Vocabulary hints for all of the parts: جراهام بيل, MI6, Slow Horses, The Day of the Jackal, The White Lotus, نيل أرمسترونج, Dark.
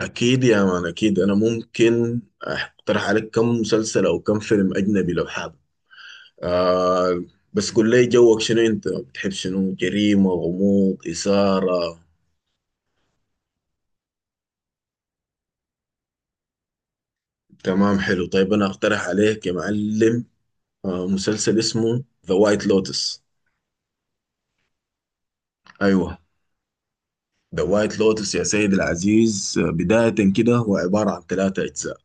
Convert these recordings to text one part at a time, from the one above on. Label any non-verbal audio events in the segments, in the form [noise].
أكيد يا مان، أكيد. أنا ممكن أقترح عليك كم مسلسل أو كم فيلم أجنبي لو حابب. آه بس قول لي جوك شنو؟ أنت بتحب شنو؟ جريمة، غموض، إثارة؟ تمام، حلو. طيب أنا أقترح عليك يا معلم. مسلسل اسمه ذا وايت لوتس. أيوه، ذا وايت لوتس يا سيدي العزيز، بداية كده هو عبارة عن ثلاثة أجزاء.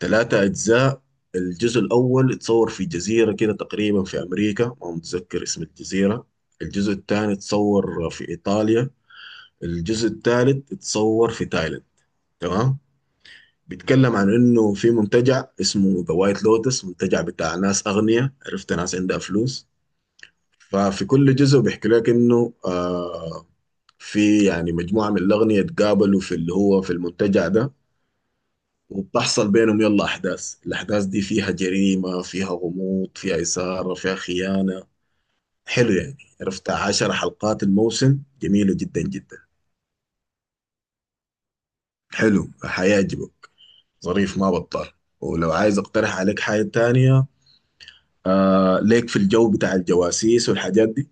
ثلاثة أجزاء. الجزء الأول اتصور في جزيرة كده تقريبا في أمريكا، ما متذكر اسم الجزيرة. الجزء الثاني اتصور في إيطاليا. الجزء الثالث اتصور في تايلاند. تمام. بيتكلم عن إنه في منتجع اسمه ذا وايت لوتس، منتجع بتاع ناس أغنياء، عرفت، ناس عندها فلوس. ففي كل جزء بيحكي لك إنه في يعني مجموعة من الأغنياء اتقابلوا في اللي هو في المنتجع ده. وبتحصل بينهم يلا أحداث. الأحداث دي فيها جريمة، فيها غموض، فيها إثارة، فيها خيانة. حلو يعني، عرفت، عشر حلقات الموسم، جميلة جدا جدا. حلو، حيعجبك. ظريف، ما بطال. ولو عايز أقترح عليك حاجة تانية، ليك في الجو بتاع الجواسيس والحاجات دي.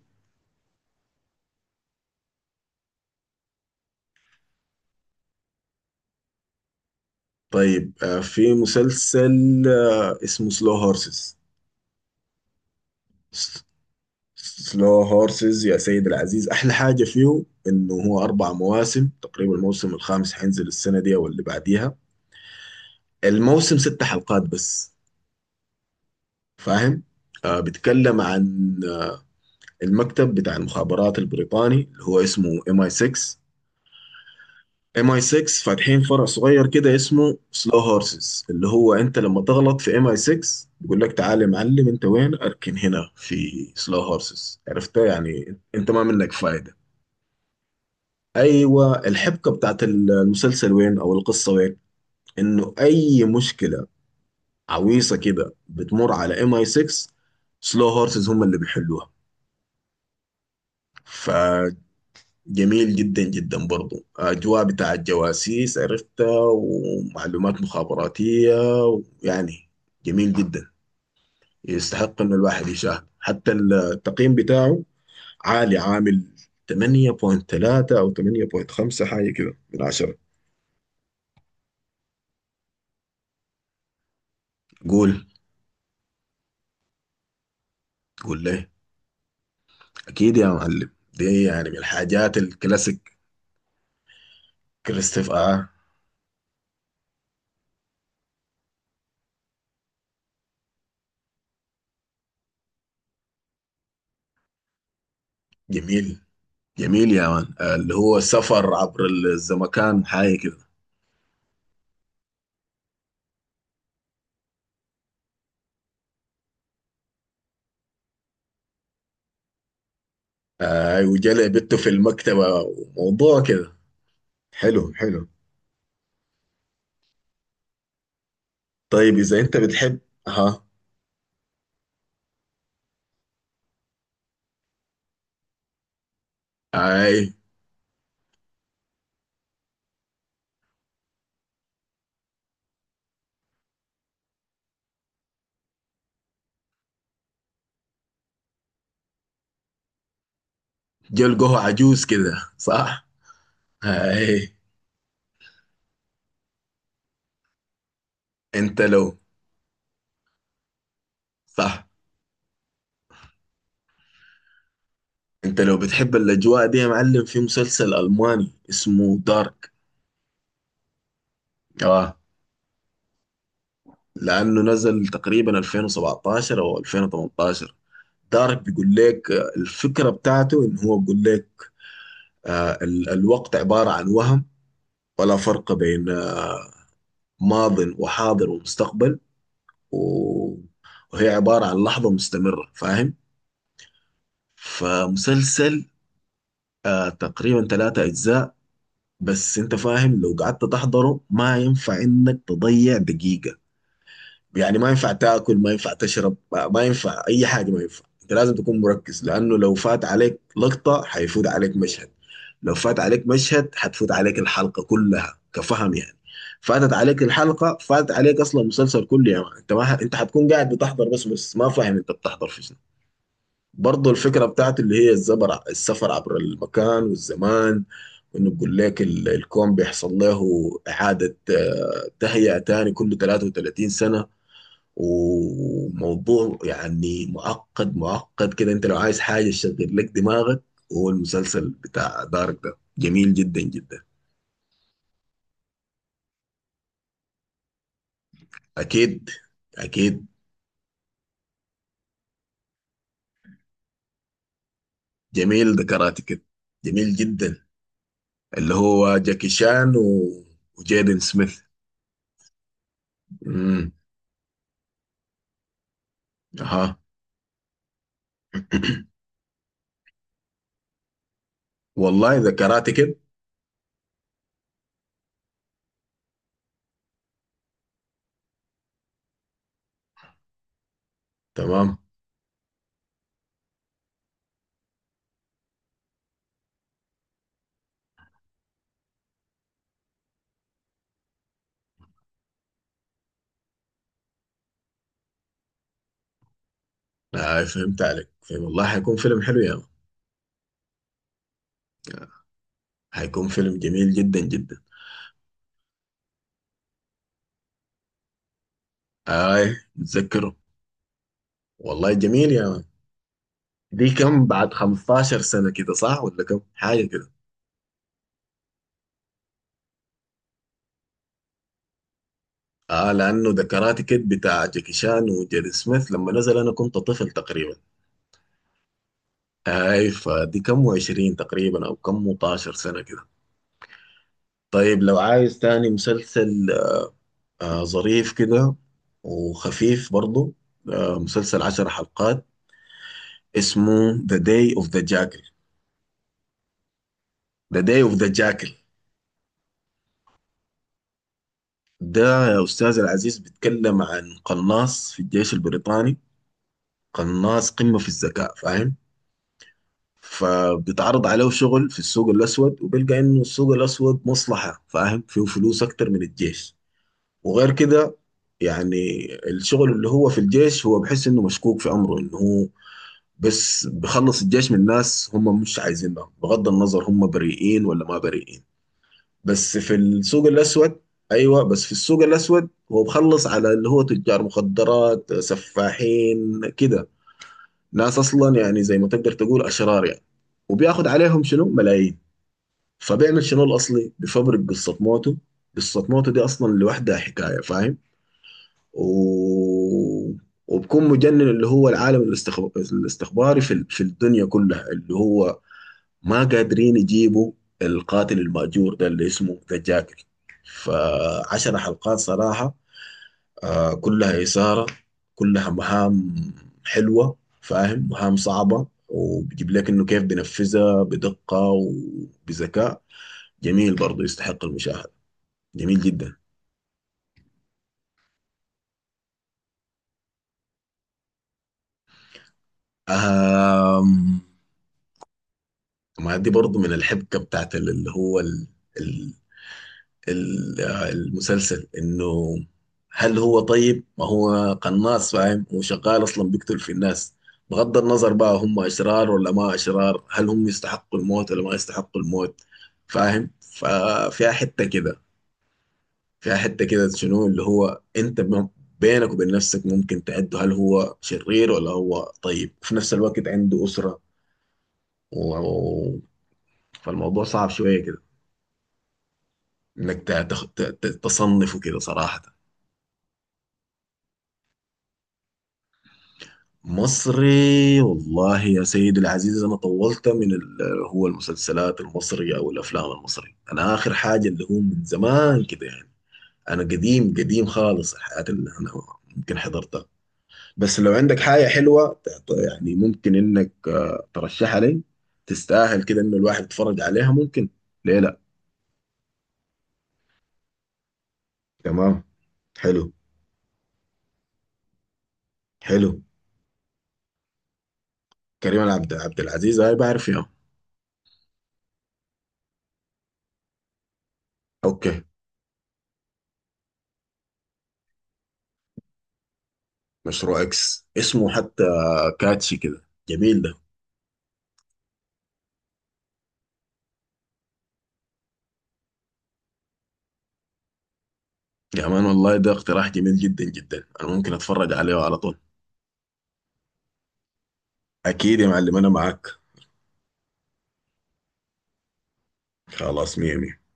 طيب في مسلسل اسمه سلو هورسز. سلو هورسز يا سيد العزيز، احلى حاجه فيه انه هو اربع مواسم تقريبا، الموسم الخامس حينزل السنه دي او اللي بعديها. الموسم ست حلقات بس. فاهم؟ بيتكلم عن المكتب بتاع المخابرات البريطاني اللي هو اسمه ام اي 6. ام اي 6 فاتحين فرع صغير كده اسمه سلو هورسز، اللي هو انت لما تغلط في ام اي 6 بيقول لك تعالى يا معلم، انت وين؟ اركن هنا في سلو هورسز. عرفتها؟ يعني انت ما منك فايده. ايوه. الحبكه بتاعت المسلسل وين او القصه وين؟ انه اي مشكله عويصه كده بتمر على ام اي 6، سلو هورسز هم اللي بيحلوها. فجميل جدا جدا، برضو اجواء بتاع الجواسيس، عرفتها، ومعلومات مخابراتيه يعني. جميل جدا، يستحق انه الواحد يشاهد. حتى التقييم بتاعه عالي، عامل 8.3 او 8.5 حاجه كده من 10. قول، ليه. أكيد يا معلم، دي يعني من الحاجات الكلاسيك. كريستف، جميل. جميل يا مان. اللي هو سفر عبر الزمكان حاجة كده. وجلع بنته في المكتبة وموضوع كده. حلو، حلو. طيب إذا أنت بتحب، أها. أي. جلقه عجوز كده صح؟ أي. أنت لو صح. أنت لو بتحب الأجواء دي يا معلم، في مسلسل ألماني اسمه دارك. آه لانه نزل تقريبا 2017 او 2018. دارك بيقول لك الفكره بتاعته ان هو بيقول لك الوقت عباره عن وهم. ولا فرق بين ماض وحاضر ومستقبل. و- وهي عباره عن لحظه مستمره، فاهم. فمسلسل تقريبا ثلاثة أجزاء. بس أنت فاهم، لو قعدت تحضره ما ينفع إنك تضيع دقيقة. يعني ما ينفع تاكل، ما ينفع تشرب، ما ينفع اي حاجه، ما ينفع. انت لازم تكون مركز، لانه لو فات عليك لقطه حيفوت عليك مشهد، لو فات عليك مشهد حتفوت عليك الحلقه كلها، كفهم يعني. فاتت عليك الحلقه، فات عليك اصلا مسلسل كله يا مان. انت ما ح... انت حتكون قاعد بتحضر بس ما فاهم انت بتحضر في شنو. برضه الفكره بتاعته اللي هي الزبر، السفر عبر المكان والزمان، وانه بيقول لك الكون بيحصل له اعاده، تهيئه تاني كل 33 سنه. وموضوع يعني معقد معقد كده. انت لو عايز حاجة تشغل لك دماغك، هو المسلسل بتاع دارك ده جميل جدا جدا. اكيد، اكيد. جميل، ده كراتي كده. جميل جدا. اللي هو جاكي شان وجيدن سميث. امم. اها. [clears throat] والله ده كراتي كده. تمام. فهمت عليك، فهم. والله حيكون فيلم حلو يا مان. حيكون فيلم جميل جدا جدا. اي، متذكره. والله جميل يا مان. دي كم بعد 15 سنة كده صح، ولا كم حاجة كده؟ اه، لأنه ده كاراتي كيد بتاع جاكي شان وجيري سميث، لما نزل أنا كنت طفل تقريبا. اي، فدي كم و20 تقريبا، أو كم و12 سنة كده. طيب لو عايز تاني مسلسل، ظريف كده وخفيف برضه، مسلسل 10 حلقات اسمه ذا داي اوف ذا جاكل. ذا داي اوف ذا جاكل ده يا أستاذ العزيز بيتكلم عن قناص في الجيش البريطاني. قناص قمة في الذكاء، فاهم. فبتعرض عليه شغل في السوق الأسود، وبيلقى إنه السوق الأسود مصلحة، فاهم، فيه فلوس أكتر من الجيش. وغير كده يعني، الشغل اللي هو في الجيش هو بحس إنه مشكوك في أمره، إنه هو بس بخلص الجيش من ناس هم مش عايزينها، بغض النظر هم بريئين ولا ما بريئين. بس في السوق الأسود، أيوة، بس في السوق الأسود هو بخلص على اللي هو تجار مخدرات، سفاحين كده، ناس اصلا يعني زي ما تقدر تقول اشرار يعني. وبياخد عليهم شنو، ملايين. فبيعمل شنو الاصلي، بفبرك قصه موته. قصه موته دي اصلا لوحدها حكايه، فاهم. و... وبكون مجنن اللي هو العالم الاستخباري في في الدنيا كلها، اللي هو ما قادرين يجيبوا القاتل المأجور ده اللي اسمه ذا جاكل. فعشر حلقات صراحه كلها إثارة، كلها مهام حلوة، فاهم، مهام صعبة. وبيجيب لك إنه كيف بينفذها بدقة وبذكاء. جميل، برضو يستحق المشاهدة. جميل جدا. آم. ما دي برضو من الحبكة بتاعت اللي هو المسلسل، انه هل هو طيب؟ ما هو قناص، فاهم، هو شغال اصلا بيقتل في الناس، بغض النظر بقى هم اشرار ولا ما اشرار، هل هم يستحقوا الموت ولا ما يستحقوا الموت. فاهم، ففيها حتة كده. فيها حتة كده شنو، اللي هو انت بينك وبين نفسك ممكن تعده هل هو شرير ولا هو طيب، وفي نفس الوقت عنده أسرة. و... و- فالموضوع صعب شوية كده، انك تصنفه كده صراحة. مصري. والله يا سيدي العزيز، أنا طولت من هو المسلسلات المصري أو الأفلام المصري، أنا آخر حاجة اللي هو من زمان كده يعني. أنا قديم قديم خالص، الحياة اللي أنا ممكن حضرتها. بس لو عندك حاجة حلوة يعني ممكن إنك ترشحها لي، تستاهل كده إنه الواحد يتفرج عليها، ممكن، ليه لأ. تمام. حلو. حلو. كريم عبد العزيز؟ هاي، بعرف يا. أوكي. مشروع إكس اسمه حتى؟ كاتشي كده، جميل ده. يا مان والله ده اقتراح جميل جدا جدا، انا ممكن اتفرج عليه على طول. اكيد يا معلم، انا معاك. خلاص، مية مية.